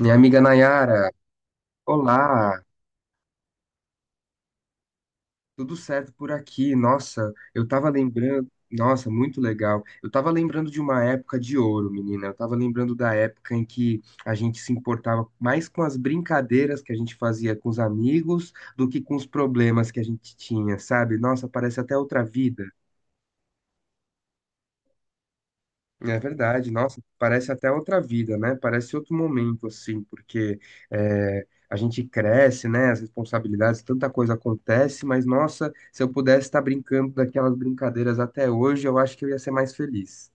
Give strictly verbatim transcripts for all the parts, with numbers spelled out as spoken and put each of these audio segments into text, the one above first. Minha amiga Nayara, olá, tudo certo por aqui? Nossa, eu tava lembrando, nossa, muito legal. Eu tava lembrando de uma época de ouro, menina. Eu tava lembrando da época em que a gente se importava mais com as brincadeiras que a gente fazia com os amigos do que com os problemas que a gente tinha, sabe? Nossa, parece até outra vida. É verdade, nossa, parece até outra vida, né? Parece outro momento, assim, porque é, a gente cresce, né? As responsabilidades, tanta coisa acontece, mas nossa, se eu pudesse estar brincando daquelas brincadeiras até hoje, eu acho que eu ia ser mais feliz.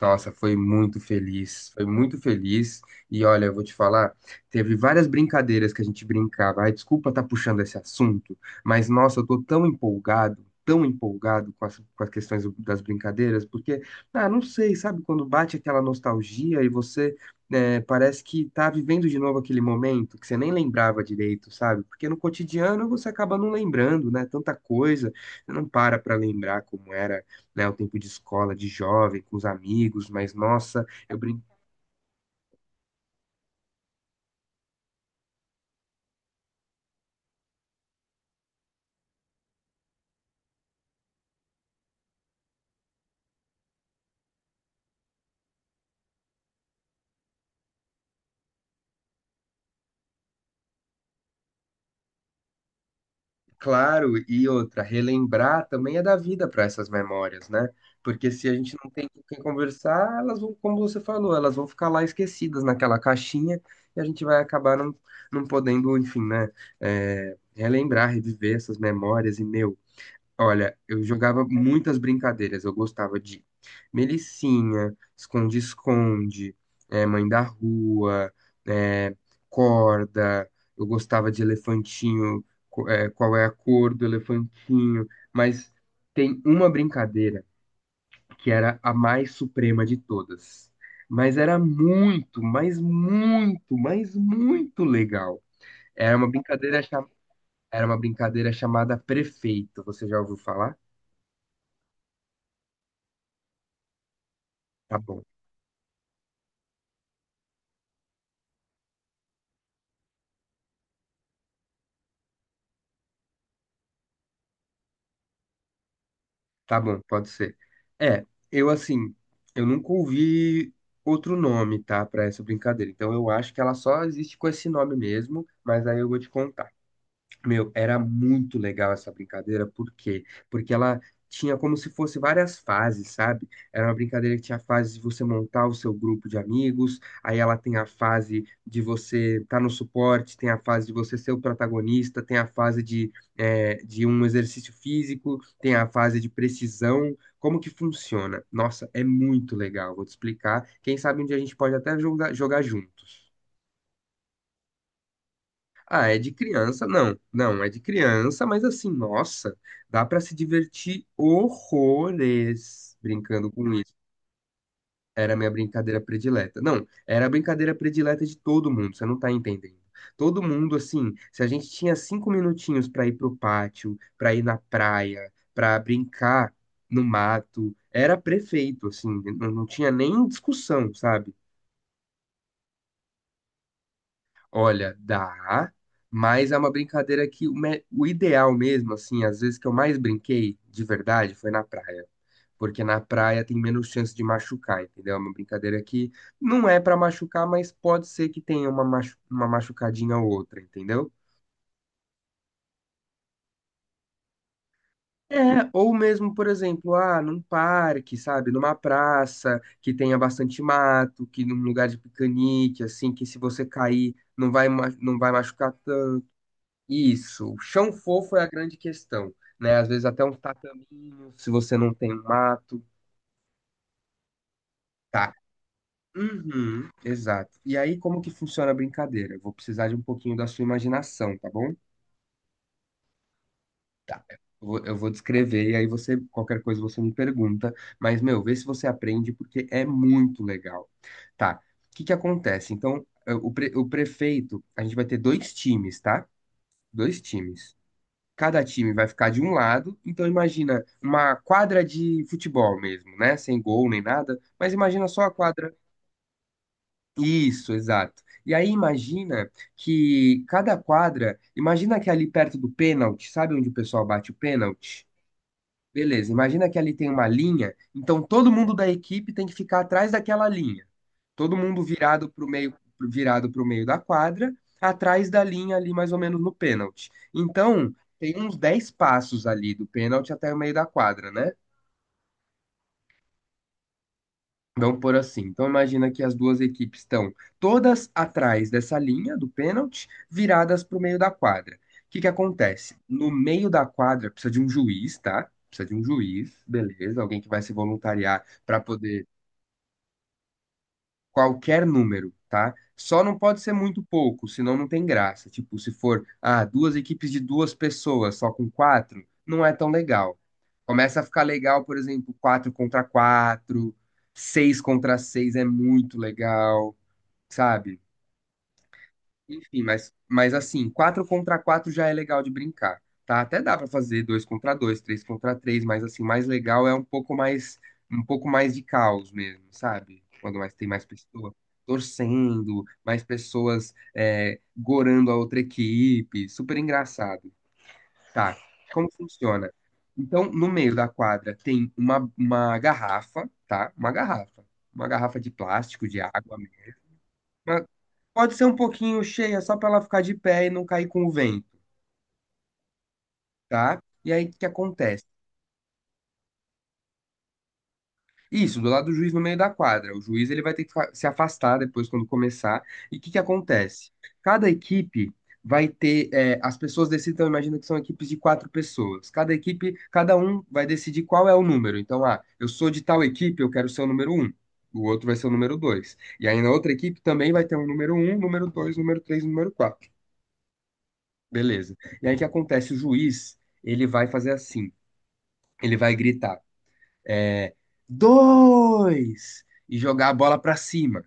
Nossa, foi muito feliz, foi muito feliz. E olha, eu vou te falar, teve várias brincadeiras que a gente brincava. Ai, desculpa estar puxando esse assunto, mas nossa, eu tô tão empolgado, tão empolgado com as, com as questões das brincadeiras, porque, ah, não sei, sabe, quando bate aquela nostalgia e você né, parece que tá vivendo de novo aquele momento que você nem lembrava direito, sabe? Porque no cotidiano você acaba não lembrando, né? Tanta coisa, você não para pra lembrar como era, né? O tempo de escola, de jovem, com os amigos, mas nossa, eu brinco. Claro, e outra, relembrar também é dar vida para essas memórias, né? Porque se a gente não tem com quem conversar, elas vão, como você falou, elas vão ficar lá esquecidas naquela caixinha e a gente vai acabar não, não podendo, enfim, né? É, relembrar, reviver essas memórias e, meu. Olha, eu jogava muitas brincadeiras. Eu gostava de Melicinha, esconde-esconde, eh, mãe da rua, eh, corda. Eu gostava de elefantinho, co- eh, qual é a cor do elefantinho. Mas tem uma brincadeira que era a mais suprema de todas. Mas era muito, mas muito, mas muito legal. Era uma brincadeira, cha- era uma brincadeira chamada prefeito. Você já ouviu falar? Tá bom. Tá bom, pode ser. É, eu assim, eu nunca ouvi outro nome, tá, pra essa brincadeira. Então eu acho que ela só existe com esse nome mesmo, mas aí eu vou te contar. Meu, era muito legal essa brincadeira, por quê? Porque ela tinha como se fosse várias fases, sabe? Era uma brincadeira que tinha a fase de você montar o seu grupo de amigos, aí ela tem a fase de você estar no suporte, tem a fase de você ser o protagonista, tem a fase de, é, de um exercício físico, tem a fase de precisão. Como que funciona? Nossa, é muito legal, vou te explicar. Quem sabe um dia a gente pode até jogar, jogar juntos. Ah, é de criança? Não, não, é de criança, mas assim, nossa, dá pra se divertir horrores brincando com isso. Era a minha brincadeira predileta. Não, era a brincadeira predileta de todo mundo, você não tá entendendo. Todo mundo, assim, se a gente tinha cinco minutinhos pra ir pro pátio, pra ir na praia, pra brincar no mato, era prefeito, assim, não, não tinha nem discussão, sabe? Olha, dá, mas é uma brincadeira que o, me- o ideal mesmo, assim, às vezes que eu mais brinquei de verdade foi na praia. Porque na praia tem menos chance de machucar, entendeu? É uma brincadeira que não é pra machucar, mas pode ser que tenha uma, machu- uma machucadinha ou outra, entendeu? É, ou mesmo, por exemplo, ah, num parque, sabe? Numa praça que tenha bastante mato, que num lugar de piquenique, assim, que se você cair não vai, ma- não vai machucar. Isso, o chão fofo é a grande questão, né? Às vezes até um tataminho, se você não tem um mato, tá. Uhum, exato. E aí, como que funciona a brincadeira? Eu vou precisar de um pouquinho da sua imaginação, tá bom? Tá. Eu vou, eu vou descrever e aí você, qualquer coisa você me pergunta, mas, meu, vê se você aprende porque é muito legal. Tá. O que que acontece? Então, eh, o, pre- o prefeito, a gente vai ter dois times, tá? Dois times. Cada time vai ficar de um lado, então imagina uma quadra de futebol mesmo, né? Sem gol nem nada, mas imagina só a quadra. Isso, exato. E aí imagina que cada quadra, imagina que ali perto do pênalti, sabe onde o pessoal bate o pênalti? Beleza, imagina que ali tem uma linha, então todo mundo da equipe tem que ficar atrás daquela linha. Todo mundo virado para o meio, virado para meio da quadra, atrás da linha ali mais ou menos no pênalti. Então, tem uns dez passos ali do pênalti até o meio da quadra, né? Vamos por assim. Então, imagina que as duas equipes estão todas atrás dessa linha do pênalti, viradas para o meio da quadra. O que que acontece? No meio da quadra precisa de um juiz, tá? Precisa de um juiz, beleza, alguém que vai se voluntariar para poder qualquer número, tá? Só não pode ser muito pouco, senão não tem graça. Tipo, se for, ah, duas equipes de duas pessoas, só com quatro, não é tão legal. Começa a ficar legal, por exemplo, quatro contra quatro, seis contra seis é muito legal, sabe? Enfim, mas, mas assim, quatro contra quatro já é legal de brincar, tá? Até dá pra fazer dois contra dois três contra três, mas assim, mais legal é um pouco mais um pouco mais de caos mesmo, sabe? Quando mais tem mais pessoas torcendo, mais pessoas é, gorando a outra equipe, super engraçado, tá? Como funciona? Então, no meio da quadra tem uma, uma garrafa, tá? Uma garrafa, uma garrafa de plástico, de água, mas pode ser um pouquinho cheia, só para ela ficar de pé e não cair com o vento, tá? E aí o que acontece? Isso, do lado do juiz no meio da quadra. O juiz ele vai ter que fa- se afastar depois quando começar. E o que que acontece? Cada equipe vai ter, é, as pessoas decidem, então imagina que são equipes de quatro pessoas. Cada equipe, cada um vai decidir qual é o número. Então, ah, eu sou de tal equipe, eu quero ser o número um. O outro vai ser o número dois. E aí na outra equipe também vai ter um número um, número dois, número três, número quatro. Beleza. E aí o que acontece? O juiz, ele vai fazer assim. Ele vai gritar, é, dois, e jogar a bola pra cima.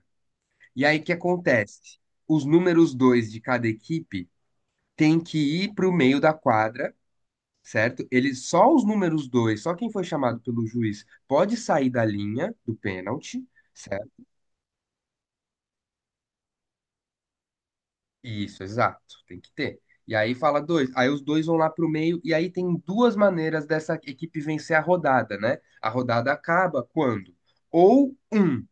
E aí o que acontece? Os números dois de cada equipe têm que ir pro meio da quadra, certo? Eles, só os números dois, só quem foi chamado pelo juiz pode sair da linha do pênalti, certo? Isso, exato. Tem que ter. E aí fala dois. Aí os dois vão lá pro meio. E aí tem duas maneiras dessa equipe vencer a rodada, né? A rodada acaba quando? Ou um.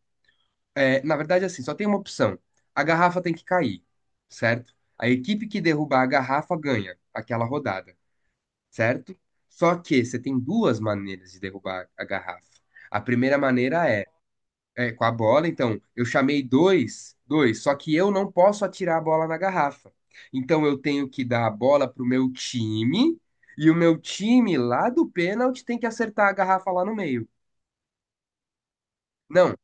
é, Na verdade, assim, só tem uma opção. A garrafa tem que cair, certo? A equipe que derrubar a garrafa ganha aquela rodada, certo? Só que você tem duas maneiras de derrubar a garrafa. A primeira maneira é é, com a bola, então eu chamei dois, dois, só que eu não posso atirar a bola na garrafa. Então eu tenho que dar a bola pro meu time e o meu time lá do pênalti tem que acertar a garrafa lá no meio. Não,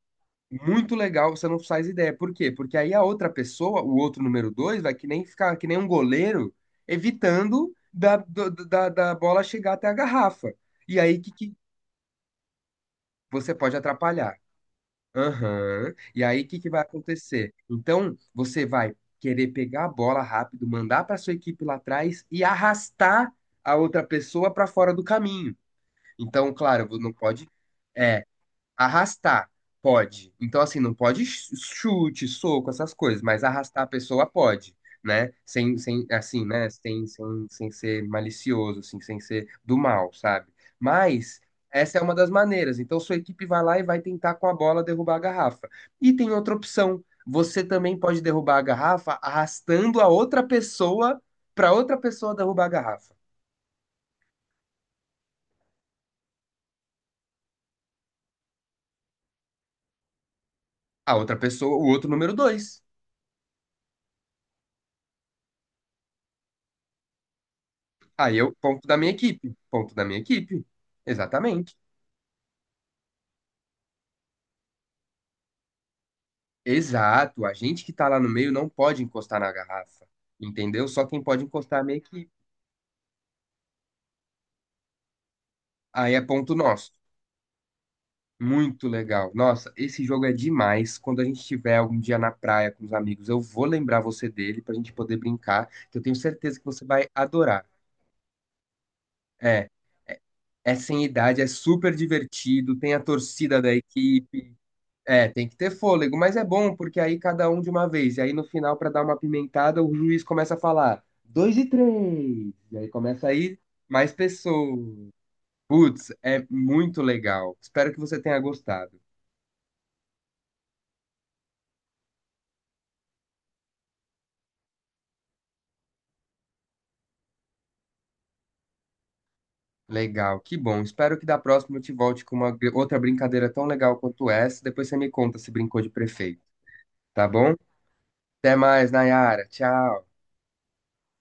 muito legal, você não faz ideia. Por quê? Porque aí a outra pessoa, o outro número dois, vai que nem ficar que nem um goleiro evitando da, do- da, da bola chegar até a garrafa. E aí que, que você pode atrapalhar. Aham. E aí, o que que vai acontecer? Então, você vai querer pegar a bola rápido, mandar para sua equipe lá atrás e arrastar a outra pessoa para fora do caminho. Então, claro, não pode. é, Arrastar, pode. Então, assim, não pode ch- chute, soco, essas coisas, mas arrastar a pessoa pode, né? Sem, sem, assim, né? Sem, sem, sem ser malicioso, assim, sem ser do mal, sabe? Mas essa é uma das maneiras. Então, sua equipe vai lá e vai tentar com a bola derrubar a garrafa. E tem outra opção. Você também pode derrubar a garrafa arrastando a outra pessoa para outra pessoa derrubar a garrafa. A outra pessoa, o outro número dois. Aí eu, ponto da minha equipe, ponto da minha equipe. Exatamente. Exato. A gente que tá lá no meio não pode encostar na garrafa, entendeu? Só quem pode encostar é a minha equipe. Aí é ponto nosso. Muito legal. Nossa, esse jogo é demais. Quando a gente estiver algum dia na praia com os amigos, eu vou lembrar você dele pra gente poder brincar, que eu tenho certeza que você vai adorar. É, é, é sem idade, é super divertido, tem a torcida da equipe. É, tem que ter fôlego, mas é bom porque aí cada um de uma vez. E aí no final, pra dar uma pimentada, o juiz começa a falar dois e três. E aí começa a ir mais pessoas. Putz, é muito legal. Espero que você tenha gostado. Legal, que bom. Espero que da próxima eu te volte com uma gr- outra brincadeira tão legal quanto essa. Depois você me conta se brincou de prefeito, tá bom? Até mais, Nayara. Tchau.